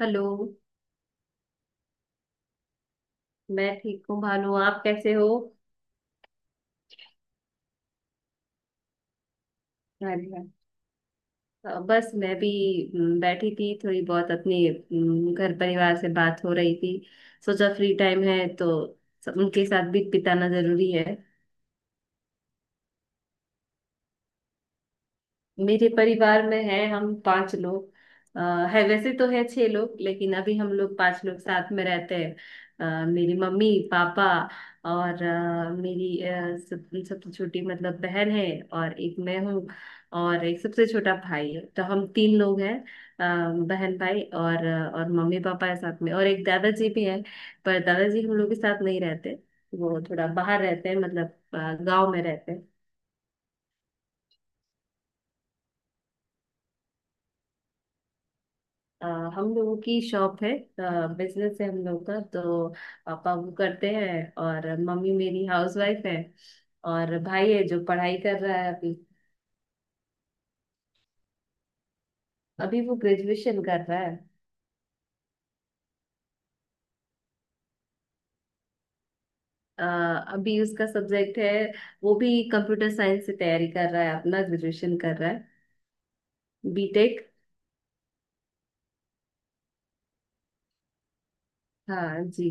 Hello. मैं ठीक हूँ भानु, आप कैसे हो? हाँ जी, हाँ। बस मैं भी। बैठी थी थोड़ी बहुत अपने घर परिवार से बात हो रही थी। सोचा फ्री टाइम है, तो उनके साथ भी बिताना जरूरी है। मेरे परिवार में है हम पांच लोग। अ, है वैसे तो है छह लोग, लेकिन अभी हम लोग पांच लोग साथ में रहते हैं। मेरी मम्मी पापा और मेरी सब सबसे छोटी मतलब बहन है, और एक मैं हूँ, और एक सबसे छोटा भाई है, तो हम तीन लोग हैं। बहन भाई और मम्मी पापा है साथ में, और एक दादाजी भी है। पर दादाजी हम लोग के साथ नहीं रहते, वो थोड़ा बाहर रहते हैं, मतलब गांव में रहते हैं। अ, हम लोगों की शॉप है, बिजनेस है हम लोग का, तो पापा वो करते हैं, और मम्मी मेरी हाउसवाइफ है। और भाई है जो पढ़ाई कर रहा है अभी। अभी वो ग्रेजुएशन कर रहा है। अ, अभी उसका सब्जेक्ट है, वो भी कंप्यूटर साइंस से तैयारी कर रहा है, अपना ग्रेजुएशन कर रहा है। बीटेक। हाँ जी।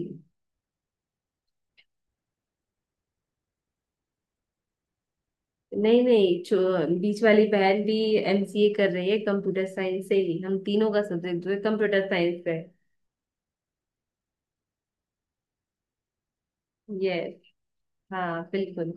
नहीं नहीं, छो बीच वाली बहन भी एमसीए कर रही है, कंप्यूटर साइंस से ही हम तीनों का सब्जेक्ट जो है कंप्यूटर साइंस है। यस। हाँ बिल्कुल।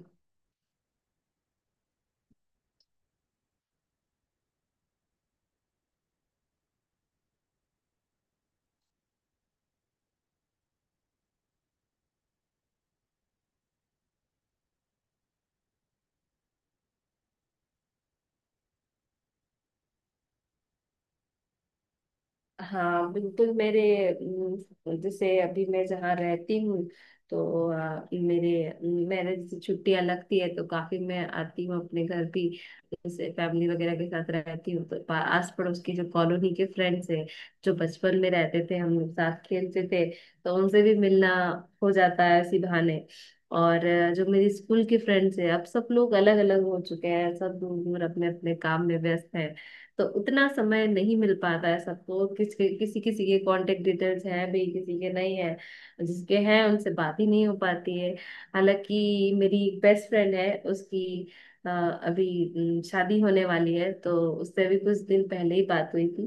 हाँ बिल्कुल, मेरे जैसे अभी मैं जहाँ रहती हूँ, तो मेरे मेरे जैसे छुट्टियाँ लगती है, तो काफी मैं आती हूँ अपने घर भी। जैसे फैमिली वगैरह के साथ रहती हूँ, तो आस पड़ोस की जो कॉलोनी के फ्रेंड्स हैं, जो बचपन में रहते थे हम लोग साथ खेलते थे, तो उनसे भी मिलना हो जाता है इसी बहाने। और जो मेरी स्कूल की फ्रेंड्स है, अब सब लोग अलग अलग हो चुके हैं, सब दूर दूर अपने अपने काम में व्यस्त हैं, तो उतना समय नहीं मिल पाता है सबको। किसी किसी के कांटेक्ट डिटेल्स हैं, भी किसी के नहीं है। जिसके हैं उनसे बात ही नहीं हो पाती है। हालांकि मेरी बेस्ट फ्रेंड है, उसकी अभी शादी होने वाली है, तो उससे भी कुछ दिन पहले ही बात हुई थी।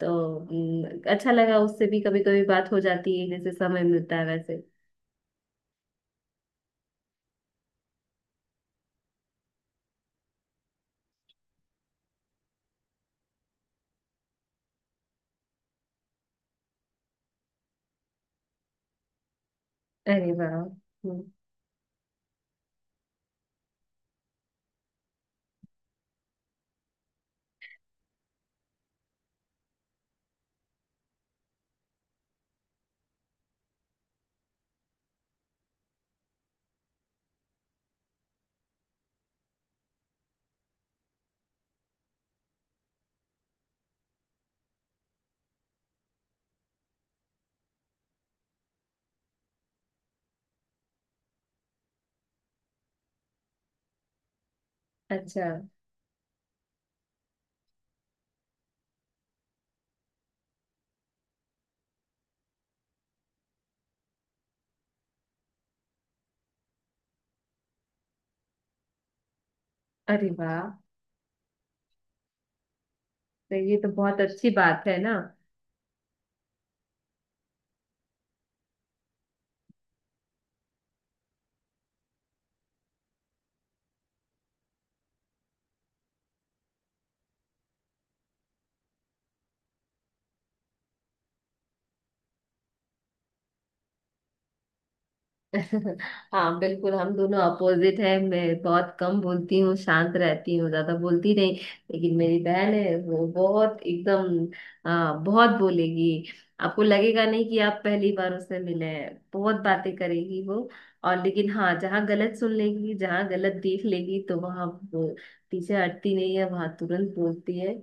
तो अच्छा लगा, उससे भी कभी कभी बात हो जाती है जैसे समय मिलता है वैसे। अरे वाह। हम्म। अच्छा। अरे वाह, तो ये तो बहुत अच्छी बात है ना। हाँ बिल्कुल, हम दोनों अपोजिट हैं। मैं बहुत कम बोलती हूँ, शांत रहती हूँ, ज्यादा बोलती नहीं। लेकिन मेरी बहन है, वो बहुत एकदम बहुत बोलेगी। आपको लगेगा नहीं कि आप पहली बार उससे मिले हैं, बहुत बातें करेगी वो। और लेकिन हाँ, जहाँ गलत सुन लेगी, जहाँ गलत देख लेगी, तो वहाँ वो पीछे हटती नहीं है, वहाँ तुरंत बोलती है।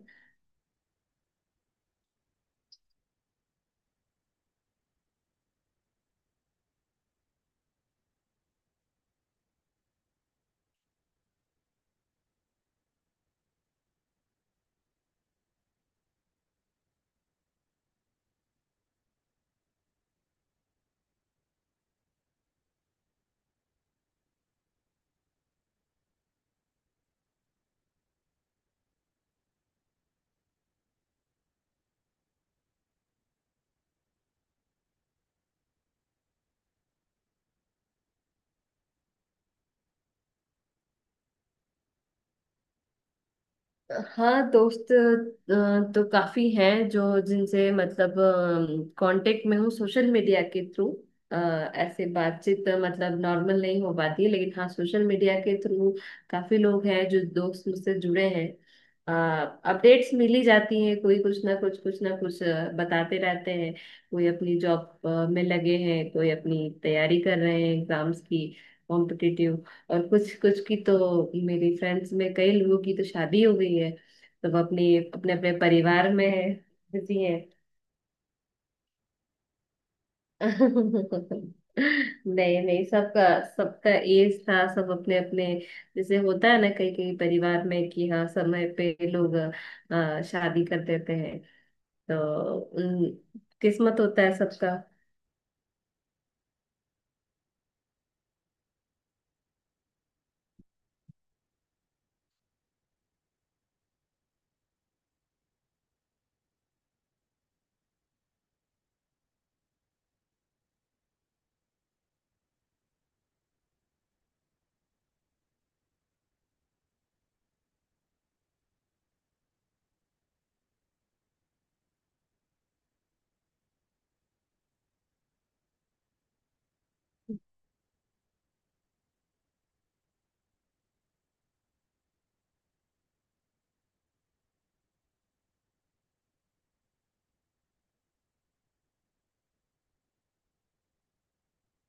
हाँ दोस्त तो काफी हैं जो, जिनसे मतलब कांटेक्ट में हूँ सोशल मीडिया के थ्रू। ऐसे बातचीत मतलब नॉर्मल नहीं हो पाती है, लेकिन हाँ सोशल मीडिया के थ्रू काफी लोग हैं जो दोस्त मुझसे जुड़े हैं। अपडेट्स मिली जाती हैं, कोई कुछ ना कुछ बताते रहते हैं। कोई अपनी जॉब में लगे हैं, कोई अपनी तैयारी कर रहे हैं एग्जाम्स की, कॉम्पिटिटिव। और कुछ कुछ की तो मेरी फ्रेंड्स में कई लोगों की तो शादी हो गई है, सब अपनी अपने अपने परिवार में है, बिजी है। नहीं नहीं, सबका सबका एज था, सब अपने अपने जैसे होता है ना, कई कई परिवार में, कि हाँ समय पे लोग शादी कर देते हैं। तो किस्मत होता है सबका।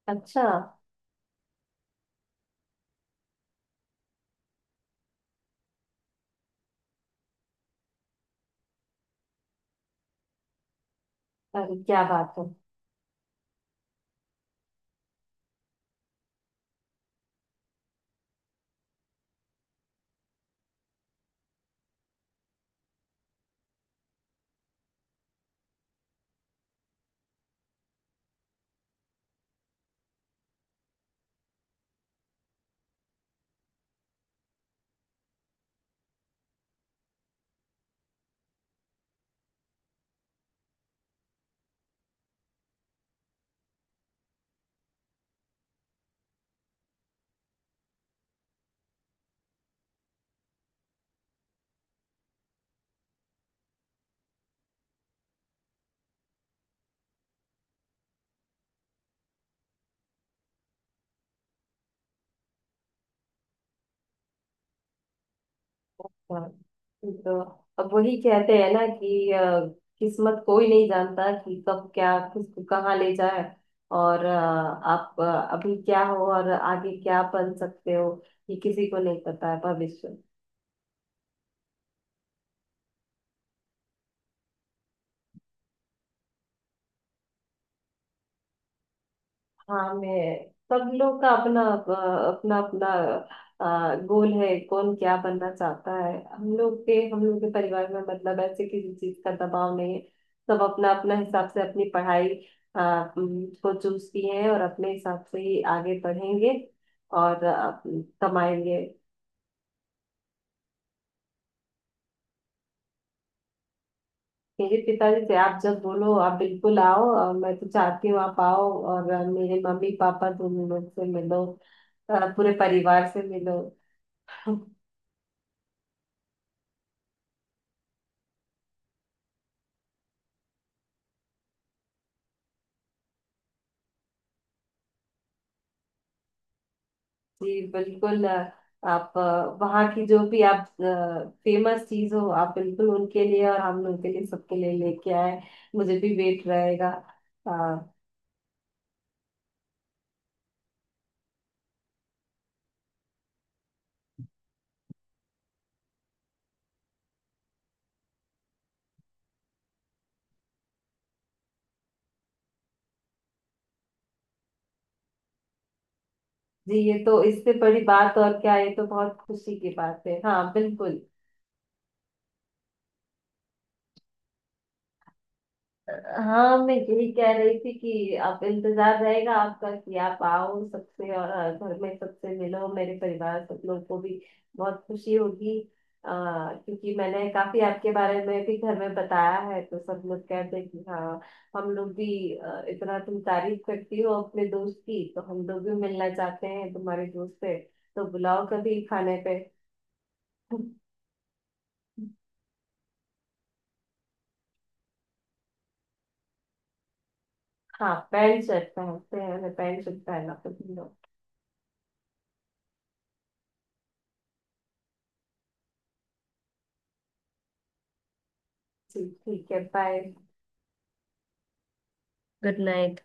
अच्छा। अरे क्या बात है। हाँ, तो अब वही कहते हैं ना कि किस्मत कोई नहीं जानता कि कब क्या किसको कहाँ ले जाए, और आप अभी क्या हो और आगे क्या बन सकते हो, ये किसी को नहीं पता है, भविष्य। हाँ मैं, सब लोग का अपना अपना अपना गोल है, कौन क्या बनना चाहता है। हम लोग के परिवार में मतलब ऐसे किसी चीज का दबाव नहीं है, सब अपना अपना हिसाब से अपनी पढ़ाई को चूज किए हैं, और अपने हिसाब से ही आगे बढ़ेंगे और कमाएंगे। मेरे पिताजी से आप जब बोलो आप बिल्कुल आओ, और मैं तो चाहती हूँ आप आओ और मेरे मम्मी पापा दोनों लोग से मिलो, पूरे परिवार से मिलो। जी, बिल्कुल। आप वहाँ की जो भी आप फेमस चीज हो, आप बिल्कुल उनके लिए और हम लोग के लिए, सबके लिए लेके आए। मुझे भी वेट रहेगा। अ, जी, ये तो इससे बड़ी बात और क्या है, ये तो बहुत खुशी की बात है। हाँ बिल्कुल। हाँ, मैं यही कह रही थी कि आप इंतजार रहेगा आपका कि आप आओ सबसे, और घर में सबसे मिलो, मेरे परिवार सब लोग को भी बहुत खुशी होगी। अ, क्योंकि मैंने काफी आपके बारे में भी घर में बताया है, तो सब लोग कहते हैं कि हाँ, हम लोग भी इतना तुम तारीफ करती हो अपने दोस्त की, तो हम लोग भी मिलना चाहते हैं तुम्हारे दोस्त से। तो बुलाओ कभी खाने पे। हाँ, पैंट शर्ट पहनते हैं, हमें पैंट शर्ट पहनना पसंद है। जी, ठीक है। बाय। Good night.